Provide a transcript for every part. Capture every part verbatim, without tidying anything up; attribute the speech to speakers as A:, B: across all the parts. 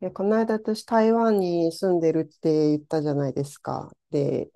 A: いや、この間私台湾に住んでるって言ったじゃないですか。で、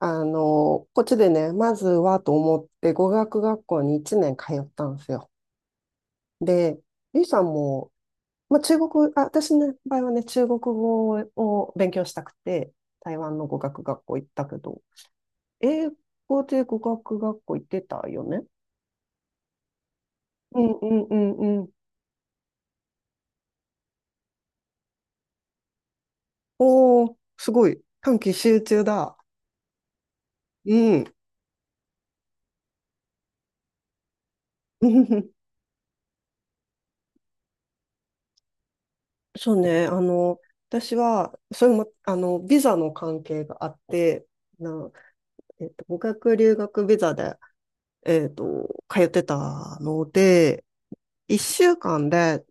A: あの、こっちでね、まずはと思って語学学校にいちねん通ったんですよ。で、ゆいさんも、まあ、中国、あ、私の場合はね、中国語を勉強したくて、台湾の語学学校行ったけど、英語で語学学校行ってたよね。うんうんうんうん。おー、すごい。短期集中だ。うん。そうね、あの、私は、それも、あの、ビザの関係があって、な、えっと、語学留学ビザで、えっと、通ってたので、いっしゅうかんで、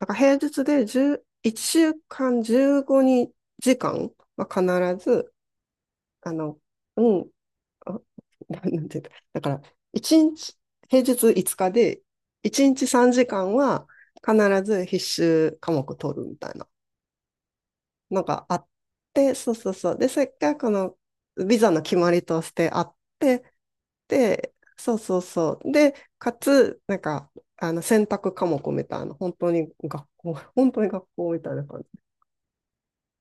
A: なんか平日でじゅう、週間じゅうごじかんは必ず、あの、うん、あ、ななんていうか、だから、いちにち、平日いつかで、いちにちさんじかんは必ず必修科目取るみたいなのがあって、そうそうそう。で、それがこのビザの決まりとしてあって、で、そうそうそう。で、かつ、なんか、あの選択科目みたいな、本当に学校、本当に学校みたいな感じ。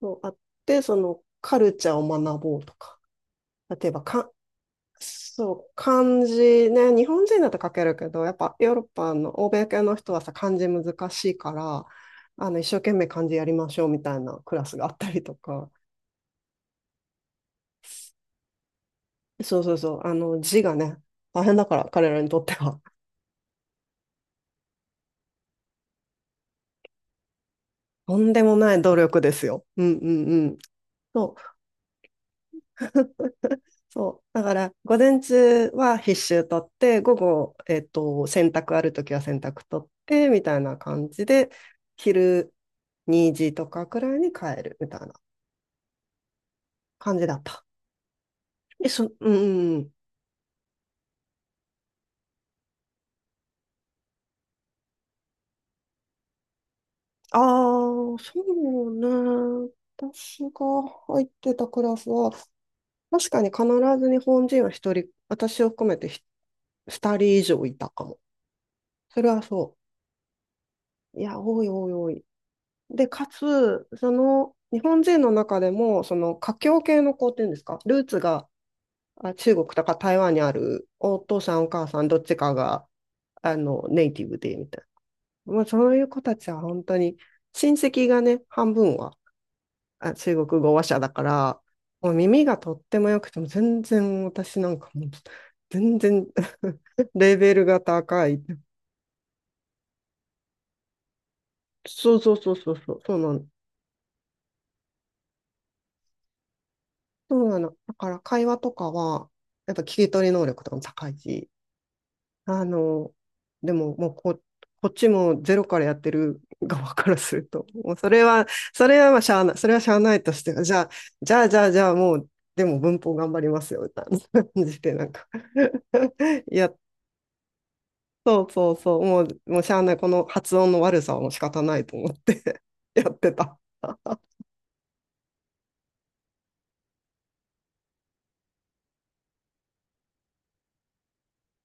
A: そうあって、そのカルチャーを学ぼうとか、例えばか、そう、漢字ね、日本人だと書けるけど、やっぱヨーロッパの欧米系の人はさ、漢字難しいから、あの一生懸命漢字やりましょうみたいなクラスがあったりとか、そうそうそう。あの、字がね、大変だから、彼らにとっては。とんでもない努力ですよ。うんうんうん。そう、そう。だから、午前中は必修取って、午後、えっと、洗濯あるときは洗濯取って、みたいな感じで、昼にじとかくらいに帰る、みたいな感じだった。え、そ、うんうんうん。ああ、そうね。私が入ってたクラスは、確かに必ず日本人は一人、私を含めてひ二人以上いたかも。それはそう。いや、多い多い多い。で、かつ、その、日本人の中でも、その、華僑系の子っていうんですか、ルーツがあ中国とか台湾にある、お父さん、お母さん、どっちかが、あの、ネイティブで、みたいな。まあ、そういう子たちは本当に、親戚がね、半分はあ中国語話者だから、もう耳がとっても良くても全然私なんかもう全然 レベルが高い。そうそうそうそうそう、そうなの。そうなの。だから会話とかは、やっぱ聞き取り能力とかも高いし、あの、でももうこ、こっちもゼロからやってる側からすると、もうそれは、それはまあしゃあない、それはしゃあないとして、じゃあ、じゃあ、じゃあ、じゃあ、もう、でも文法頑張りますよ、みたいな感じで、なんか やっそうそうそう。もう、もうしゃあない。この発音の悪さはもう仕方ないと思って やってた。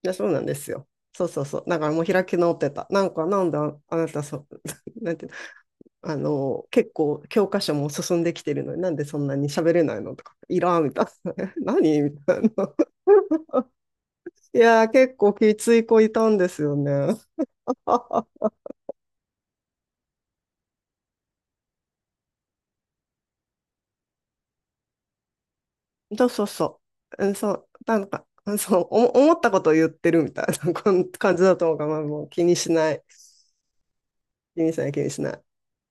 A: いや、そうなんですよ。そうそうそう。だからもう開き直ってた。なんか、なんであ、あなた、そう、なんていうの、あの、結構教科書も進んできてるのに、なんでそんなに喋れないのとか、いらんみたいな。何みたいな。いやー、結構きつい子いたんですよね。そうそうそう。うんそう、なんか、うんそう、おも思ったことを言ってるみたいな こん感じだと思うから、まあ、もう気にしない。ユニさんや気にしない。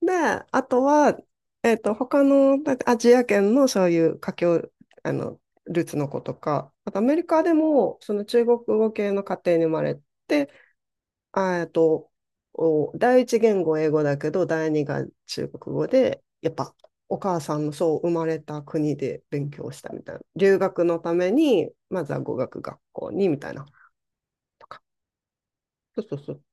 A: で、あとは、えっと、他のだアジア圏のそういう華僑、あの、ルーツの子とか、あとアメリカでも、その中国語系の家庭に生まれて、あえっと、お第一言語英語だけど、第二が中国語で、やっぱ、お母さんのそう生まれた国で勉強したみたいな。留学のために、まずは語学学校にみたいなとか。そうそうそう。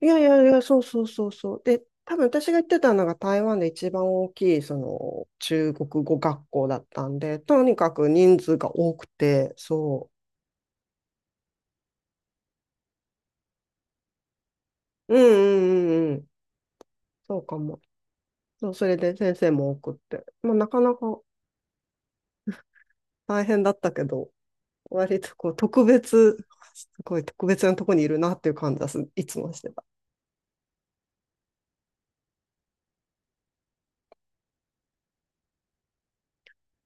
A: いやいやいや、そうそうそうそう。で、多分私が行ってたのが台湾で一番大きいその中国語学校だったんで、とにかく人数が多くて、そう。うんうんうんうん。そうかも。そう、それで先生も多くって。まあ、なかなか大変だったけど、割とこう特別、すごい特別なとこにいるなっていう感じはすいつもしてた。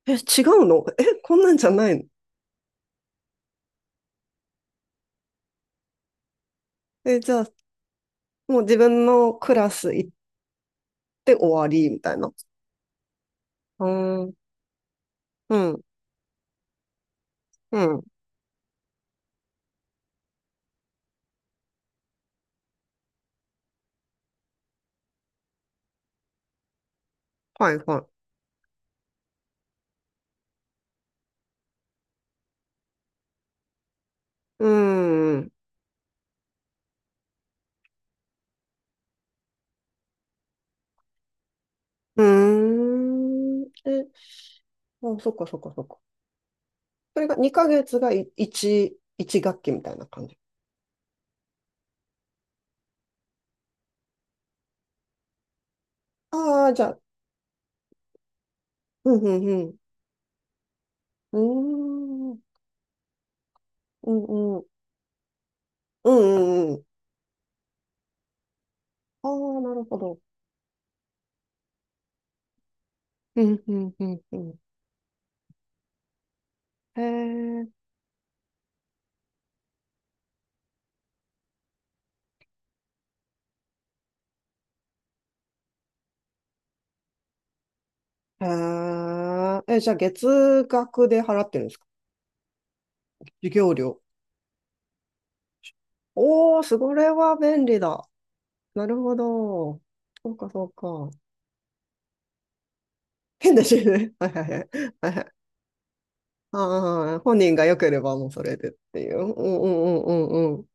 A: え、違うの え、こんなんじゃないのえ、じゃあ、もう自分のクラス行って終わりみたいな。うん。うんうん。はいはい。うーん。うーん。え、あ、そっかそっかそっか。それがにかげつがい1、いち学期みたいな感じ。ああ、じゃあ、うんうんうん。うーん。うんうん。うんうんうん。ああ、なるほど。うんうんうんうん。へえ。へえ。え、じゃあ月額で払ってるんですか授業料。おー、それは便利だ。なるほど。そうかそうか。変だしね。はいはいはい。ああ、本人が良ければもうそれでっていう。うんうんうんうんうん。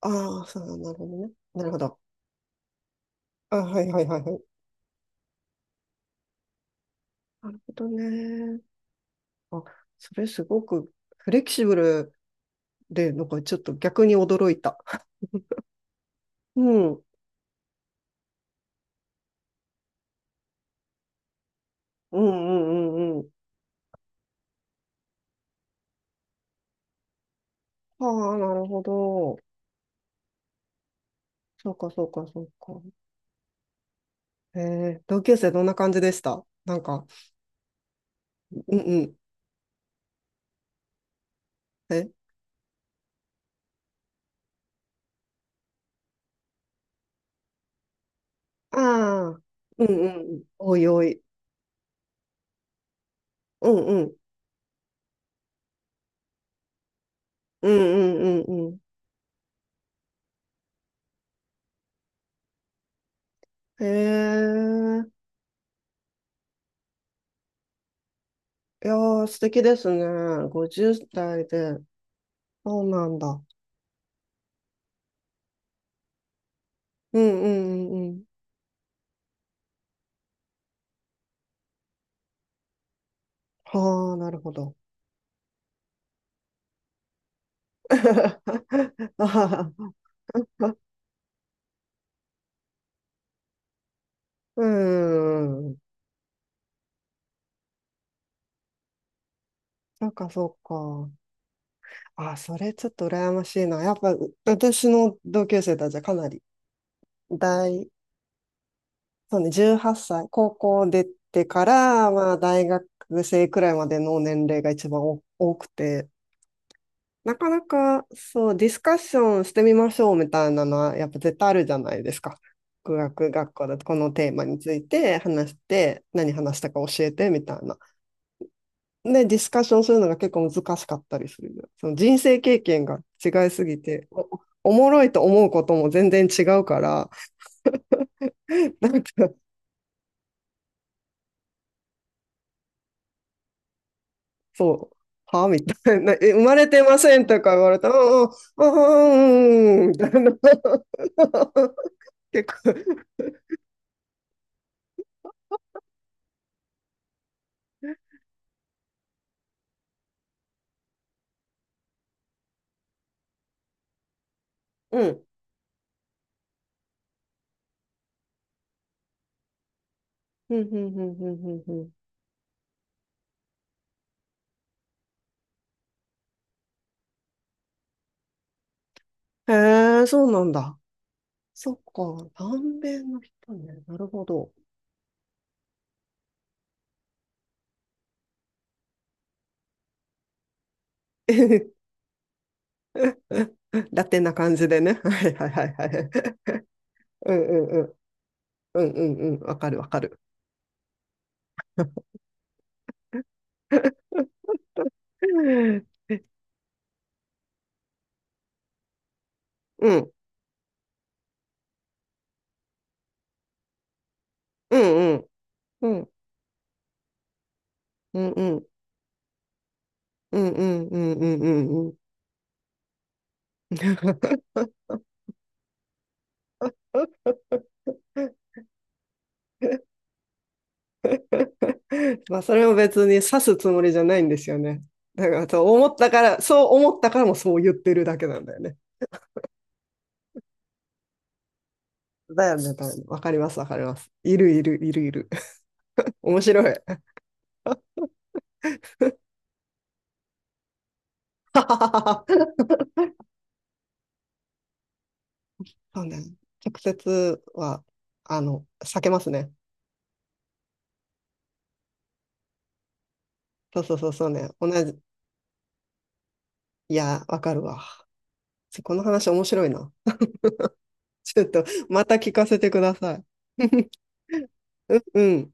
A: ああ、そう、なるほどね。なるほど。あ、はいはいはいはい。なるほどね。あ、それすごくフレキシブルで、なんかちょっと逆に驚いた。うん。うんうんうんうん。ああ、なるほど。そうかそうかそうか。ええ同級生どんな感じでしたなんか、うんうん。えああ、うんうん。おいおい。うんうん。うんうんうんうん。へえ。いやー、素敵ですね。ごじゅう代で。そうなんだ。うんうんうんうん。はあ、なるほど。あははうん。なんかそうか。あ、それちょっと羨ましいな。やっぱ、う私の同級生たちはかなり大、そうね、じゅうはっさい、高校出てから、まあ、大学生くらいまでの年齢が一番お多くて、なかなか、そう、ディスカッションしてみましょうみたいなのは、やっぱ絶対あるじゃないですか。語学学校だとこのテーマについて話して、何話したか教えてみたいな。で、ディスカッションするのが結構難しかったりする。その人生経験が違いすぎて、お、おもろいと思うことも全然違うから、なんか、そう、はみたいな、え、生まれてませんとか言われたら、うんうん、うんうん、うんうんみたいな。結構、うん。うん、うん、うん、うん、うん。うんへえ、そうなんだ。そっか、南米の人ね。なるほど。ラテンな感じでね。はいはいはいはい。うんうんうん。うんうんうん。わかるわかる。うん、うん、うん、うん、うん、うん、うん、うん、うん、うん、うんうん。まあ、それも別に指すつもりじゃないんですよね。だから、そう思ったから、そう思ったからもそう言ってるだけなんだよね。だよね、だよね。わかります、わかります。いる、いる、いる、いる。面白い。そうね。直接は、あの、避けますね。そうそうそうそうね。同じ。いや、わかるわ。ちょこの話面白いな。ちょっと、また聞かせてください。うん、うん。